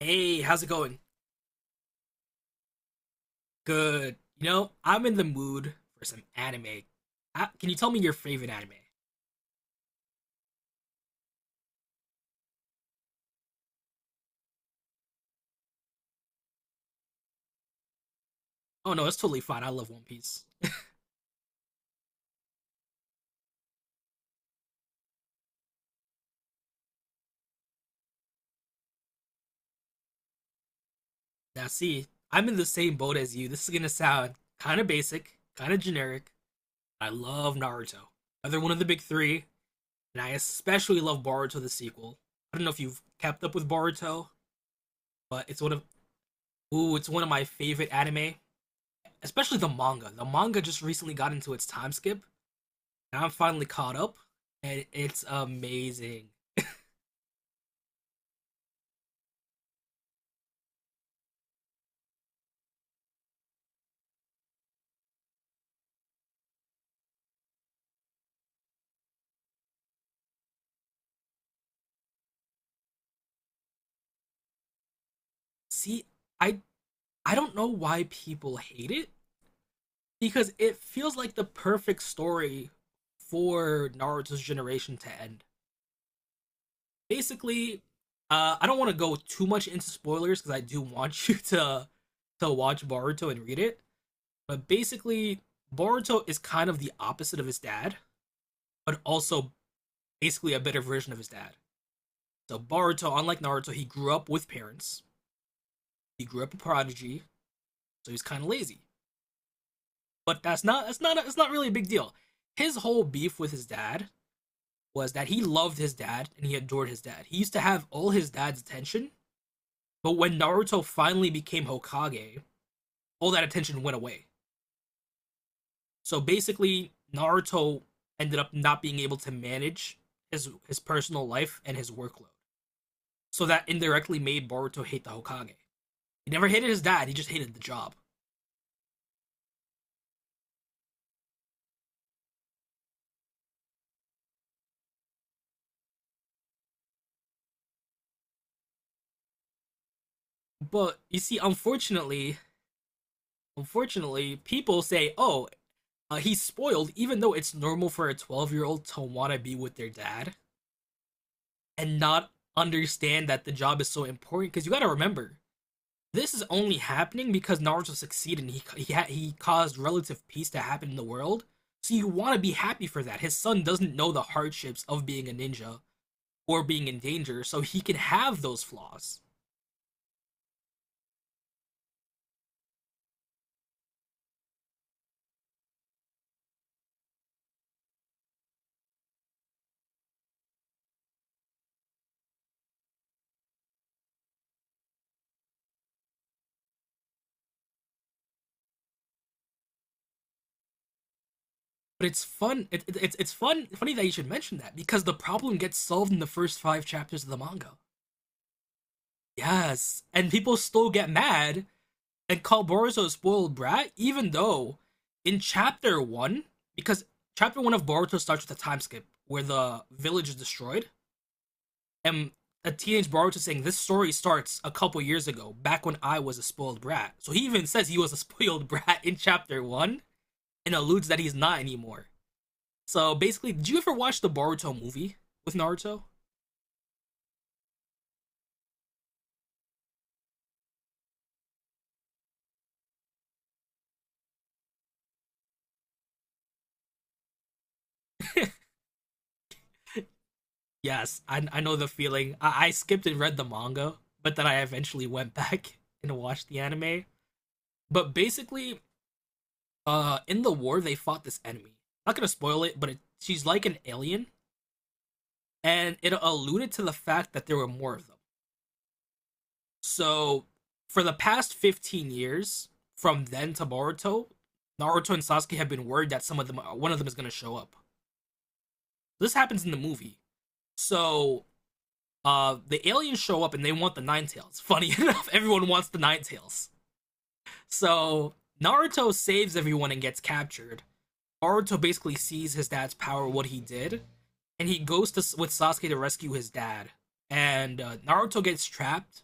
Hey, how's it going? Good. You know, I'm in the mood for some anime. Can you tell me your favorite anime? Oh no, it's totally fine. I love One Piece. Now, see, I'm in the same boat as you. This is gonna sound kind of basic, kind of generic. I love Naruto. Another one of the big three, and I especially love Boruto the sequel. I don't know if you've kept up with Boruto, but it's one of my favorite anime, especially the manga. The manga just recently got into its time skip, and I'm finally caught up, and it's amazing. See, I I don't know why people hate it because it feels like the perfect story for Naruto's generation to end. Basically, I don't want to go too much into spoilers because I do want you to watch Boruto and read it. But basically, Boruto is kind of the opposite of his dad, but also basically a better version of his dad. So Boruto, unlike Naruto, he grew up with parents. He grew up a prodigy. So he's kind of lazy. But that's not it's not really a big deal. His whole beef with his dad was that he loved his dad and he adored his dad. He used to have all his dad's attention, but when Naruto finally became Hokage, all that attention went away. So basically, Naruto ended up not being able to manage his personal life and his workload. So that indirectly made Boruto hate the Hokage. He never hated his dad, he just hated the job. But you see, unfortunately, people say, "Oh, he's spoiled, even though it's normal for a 12-year-old year old to want to be with their dad and not understand that the job is so important. Because you got to remember, this is only happening because Naruto succeeded. And he caused relative peace to happen in the world. So you want to be happy for that. His son doesn't know the hardships of being a ninja or being in danger, so he can have those flaws." But it's fun. It's fun. Funny that you should mention that because the problem gets solved in the first five chapters of the manga. Yes, and people still get mad and call Boruto a spoiled brat, even though in chapter one, because chapter one of Boruto starts with a time skip where the village is destroyed, and a teenage Boruto saying, "This story starts a couple years ago, back when I was a spoiled brat." So he even says he was a spoiled brat in chapter one, and alludes that he's not anymore. So basically, did you ever watch the Boruto movie with Naruto? Yes, I know the feeling. I skipped and read the manga, but then I eventually went back and watched the anime. But basically, in the war, they fought this enemy. Not gonna spoil it, but she's like an alien, and it alluded to the fact that there were more of them. So, for the past 15 years, from then to Boruto, Naruto and Sasuke have been worried that some of them, one of them, is gonna show up. This happens in the movie. So, the aliens show up and they want the Nine Tails. Funny enough, everyone wants the Nine Tails. So Naruto saves everyone and gets captured. Naruto basically sees his dad's power, what he did, and he goes to with Sasuke to rescue his dad. And Naruto gets trapped.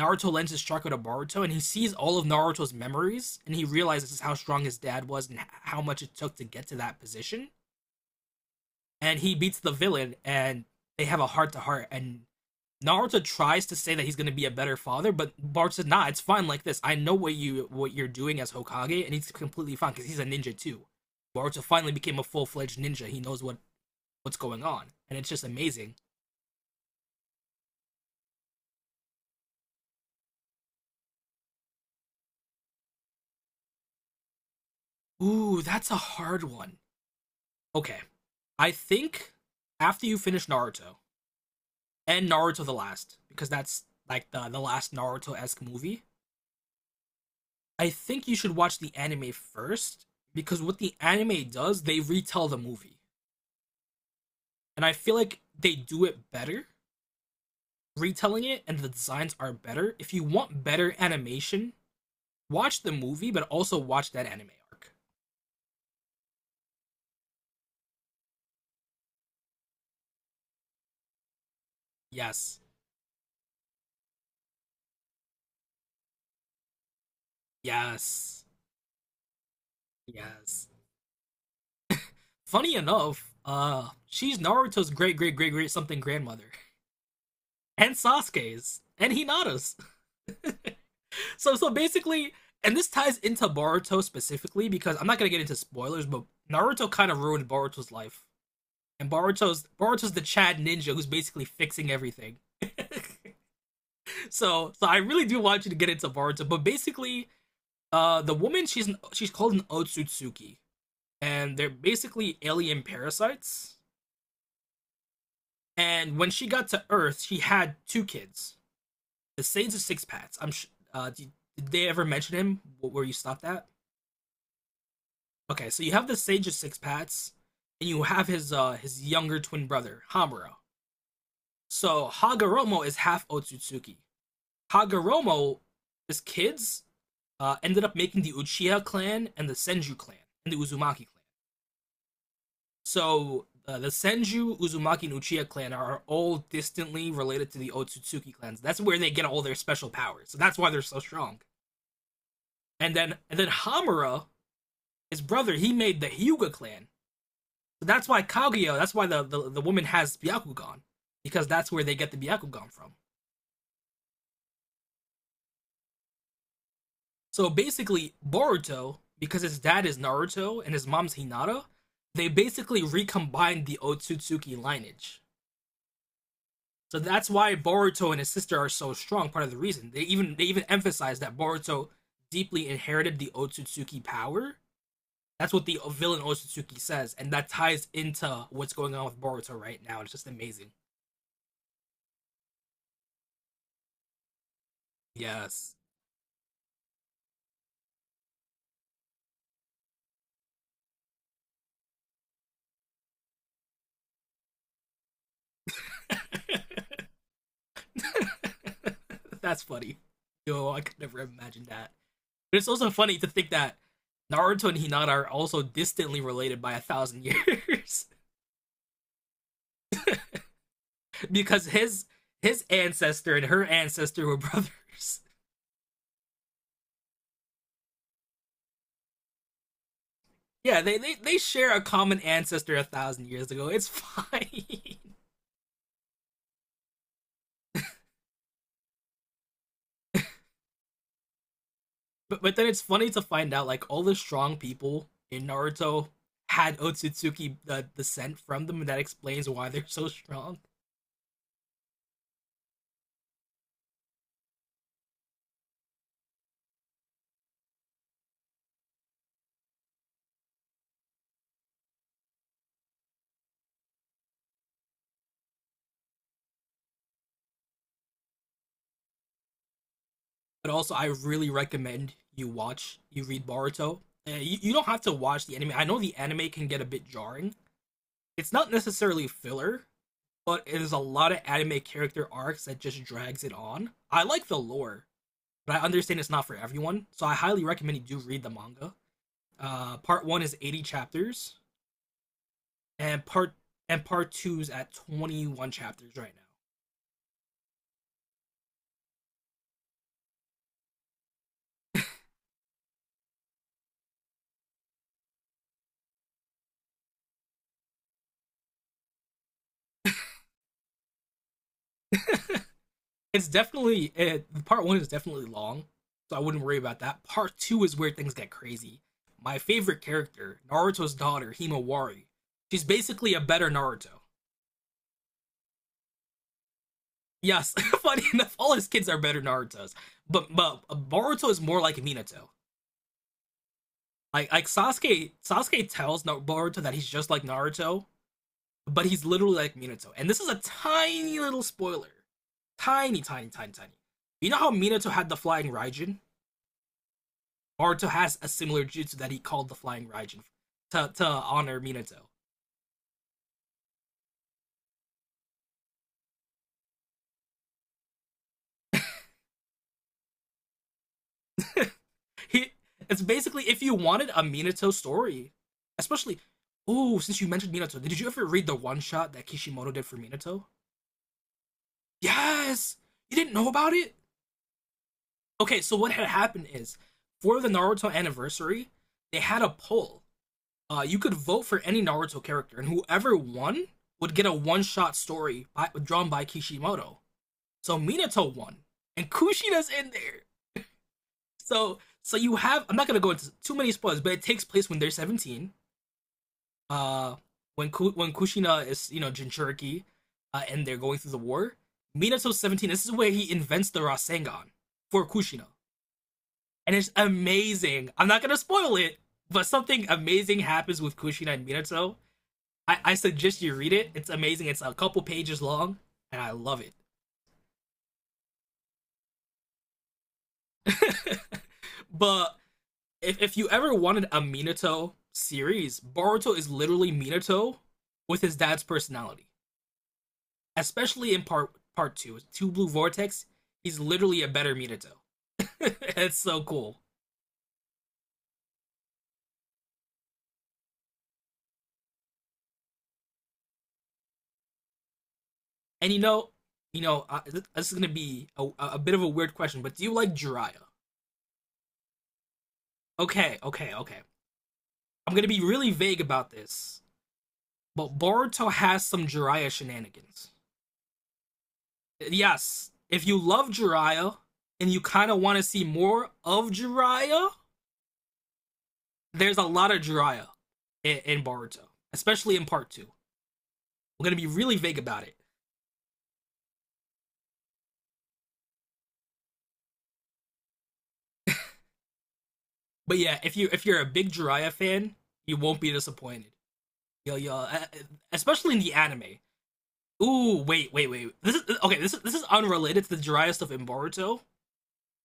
Naruto lends his chakra to Boruto, and he sees all of Naruto's memories, and he realizes how strong his dad was and how much it took to get to that position. And he beats the villain, and they have a heart to heart, and Naruto tries to say that he's going to be a better father, but Bart says, "Nah, it's fine like this. I know what you're doing as Hokage," and he's completely fine because he's a ninja too. Naruto finally became a full fledged ninja. He knows what's going on, and it's just amazing. Ooh, that's a hard one. Okay, I think after you finish Naruto and Naruto the Last, because that's like the last Naruto esque movie, I think you should watch the anime first because what the anime does, they retell the movie. And I feel like they do it better retelling it, and the designs are better. If you want better animation, watch the movie, but also watch that anime arc. Yes, yes, yes. Funny enough, she's Naruto's great, great, great, great something grandmother, and Sasuke's, and Hinata's. So, basically, and this ties into Boruto specifically because I'm not gonna get into spoilers, but Naruto kind of ruined Boruto's life, and Boruto's the Chad ninja who's basically fixing everything. So, I really do want you to get into Boruto, but basically, the woman she's called an Otsutsuki, and they're basically alien parasites. And when she got to Earth, she had two kids, the Sage of Six Paths. Uh, did, did they ever mention him? Where you stopped at? Okay, so you have the Sage of Six Paths, and you have his younger twin brother Hamura. So Hagoromo is half Otsutsuki, Kaguramo's kids ended up making the Uchiha clan and the Senju clan and the Uzumaki clan. So the Senju, Uzumaki, and Uchiha clan are all distantly related to the Otsutsuki clans. That's where they get all their special powers. So that's why they're so strong. And then Hamura, his brother, he made the Hyuga clan. So that's why Kaguya, that's why the woman has Byakugan. Because that's where they get the Byakugan from. So basically, Boruto, because his dad is Naruto and his mom's Hinata, they basically recombined the Otsutsuki lineage. So that's why Boruto and his sister are so strong. Part of the reason they even emphasize that Boruto deeply inherited the Otsutsuki power. That's what the villain Otsutsuki says, and that ties into what's going on with Boruto right now. It's just amazing. Yes, that's funny. Yo, I could never imagine that. But it's also funny to think that Naruto and Hinata are also distantly related by 1,000 years because his ancestor and her ancestor were brothers. Yeah, they share a common ancestor 1,000 years ago. It's fine. But then it's funny to find out like all the strong people in Naruto had Otsutsuki descent from them, and that explains why they're so strong. But also I really recommend you read Boruto. You don't have to watch the anime. I know the anime can get a bit jarring. It's not necessarily filler, but it is a lot of anime character arcs that just drags it on. I like the lore, but I understand it's not for everyone, so I highly recommend you do read the manga. Part one is 80 chapters, and part and part two is at 21 chapters right now. Part one is definitely long, so I wouldn't worry about that. Part two is where things get crazy. My favorite character, Naruto's daughter, Himawari. She's basically a better Naruto. Yes, funny enough, all his kids are better Naruto's, but Boruto is more like Minato. Like Sasuke tells Boruto that he's just like Naruto, but he's literally like Minato. And this is a tiny little spoiler, tiny, tiny, tiny, tiny. You know how Minato had the flying Raijin? Naruto has a similar jutsu that he called the Flying Raijin to honor Minato. He it's basically if you wanted a Minato story, especially oh since you mentioned Minato, did you ever read the one shot that Kishimoto did for Minato? Yes, you didn't know about it. Okay, so what had happened is for the Naruto anniversary, they had a poll. You could vote for any Naruto character, and whoever won would get a one-shot story drawn by Kishimoto. So Minato won, and Kushina's in there. You have I'm not gonna go into too many spoilers, but it takes place when they're 17. Uh, when Kushina is Jinchuriki, and they're going through the war. Minato's 17. This is where he invents the Rasengan for Kushina, and it's amazing. I'm not gonna spoil it, but something amazing happens with Kushina and Minato. I suggest you read it. It's amazing. It's a couple pages long, and I love it. But if you ever wanted a Minato series, Boruto is literally Minato with his dad's personality, especially in part two, Two Blue Vortex. He's literally a better Minato. It's so cool. And this is gonna be a bit of a weird question, but do you like Jiraiya? Okay, okay, okay. I'm gonna be really vague about this, but Boruto has some Jiraiya shenanigans. Yes, if you love Jiraiya and you kind of want to see more of Jiraiya, there's a lot of Jiraiya in Boruto, especially in part two. We're gonna be really vague about it, but yeah, if you're a big Jiraiya fan, you won't be disappointed. Yo, especially in the anime. Ooh, wait, wait, wait. This is okay. This is unrelated to the Jiraiya stuff in Boruto,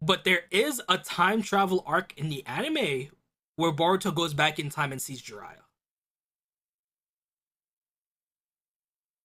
but there is a time travel arc in the anime where Boruto goes back in time and sees Jiraiya.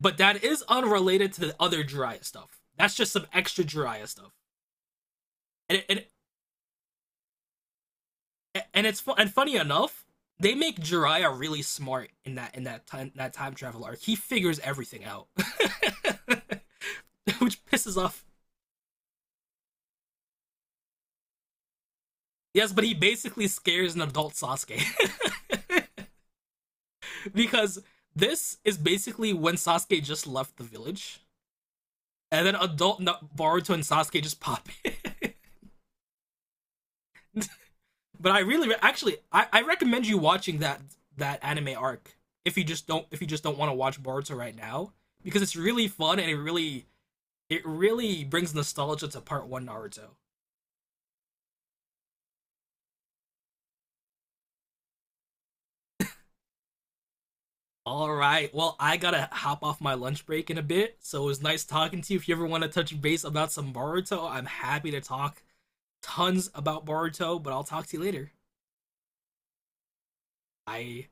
But that is unrelated to the other Jiraiya stuff. That's just some extra Jiraiya stuff. And, and, and funny enough, they make Jiraiya really smart in that time travel arc. He figures everything out, which pisses off. Yes, but he basically scares an adult Sasuke because this is basically when Sasuke just left the village, and then adult Boruto and Sasuke just pop in. But I really, actually, I recommend you watching that anime arc if you just don't want to watch Boruto right now because it's really fun and it really brings nostalgia to part one Naruto. All right, well, I gotta hop off my lunch break in a bit, so it was nice talking to you. If you ever want to touch base about some Boruto, I'm happy to talk tons about Boruto, but I'll talk to you later. Bye.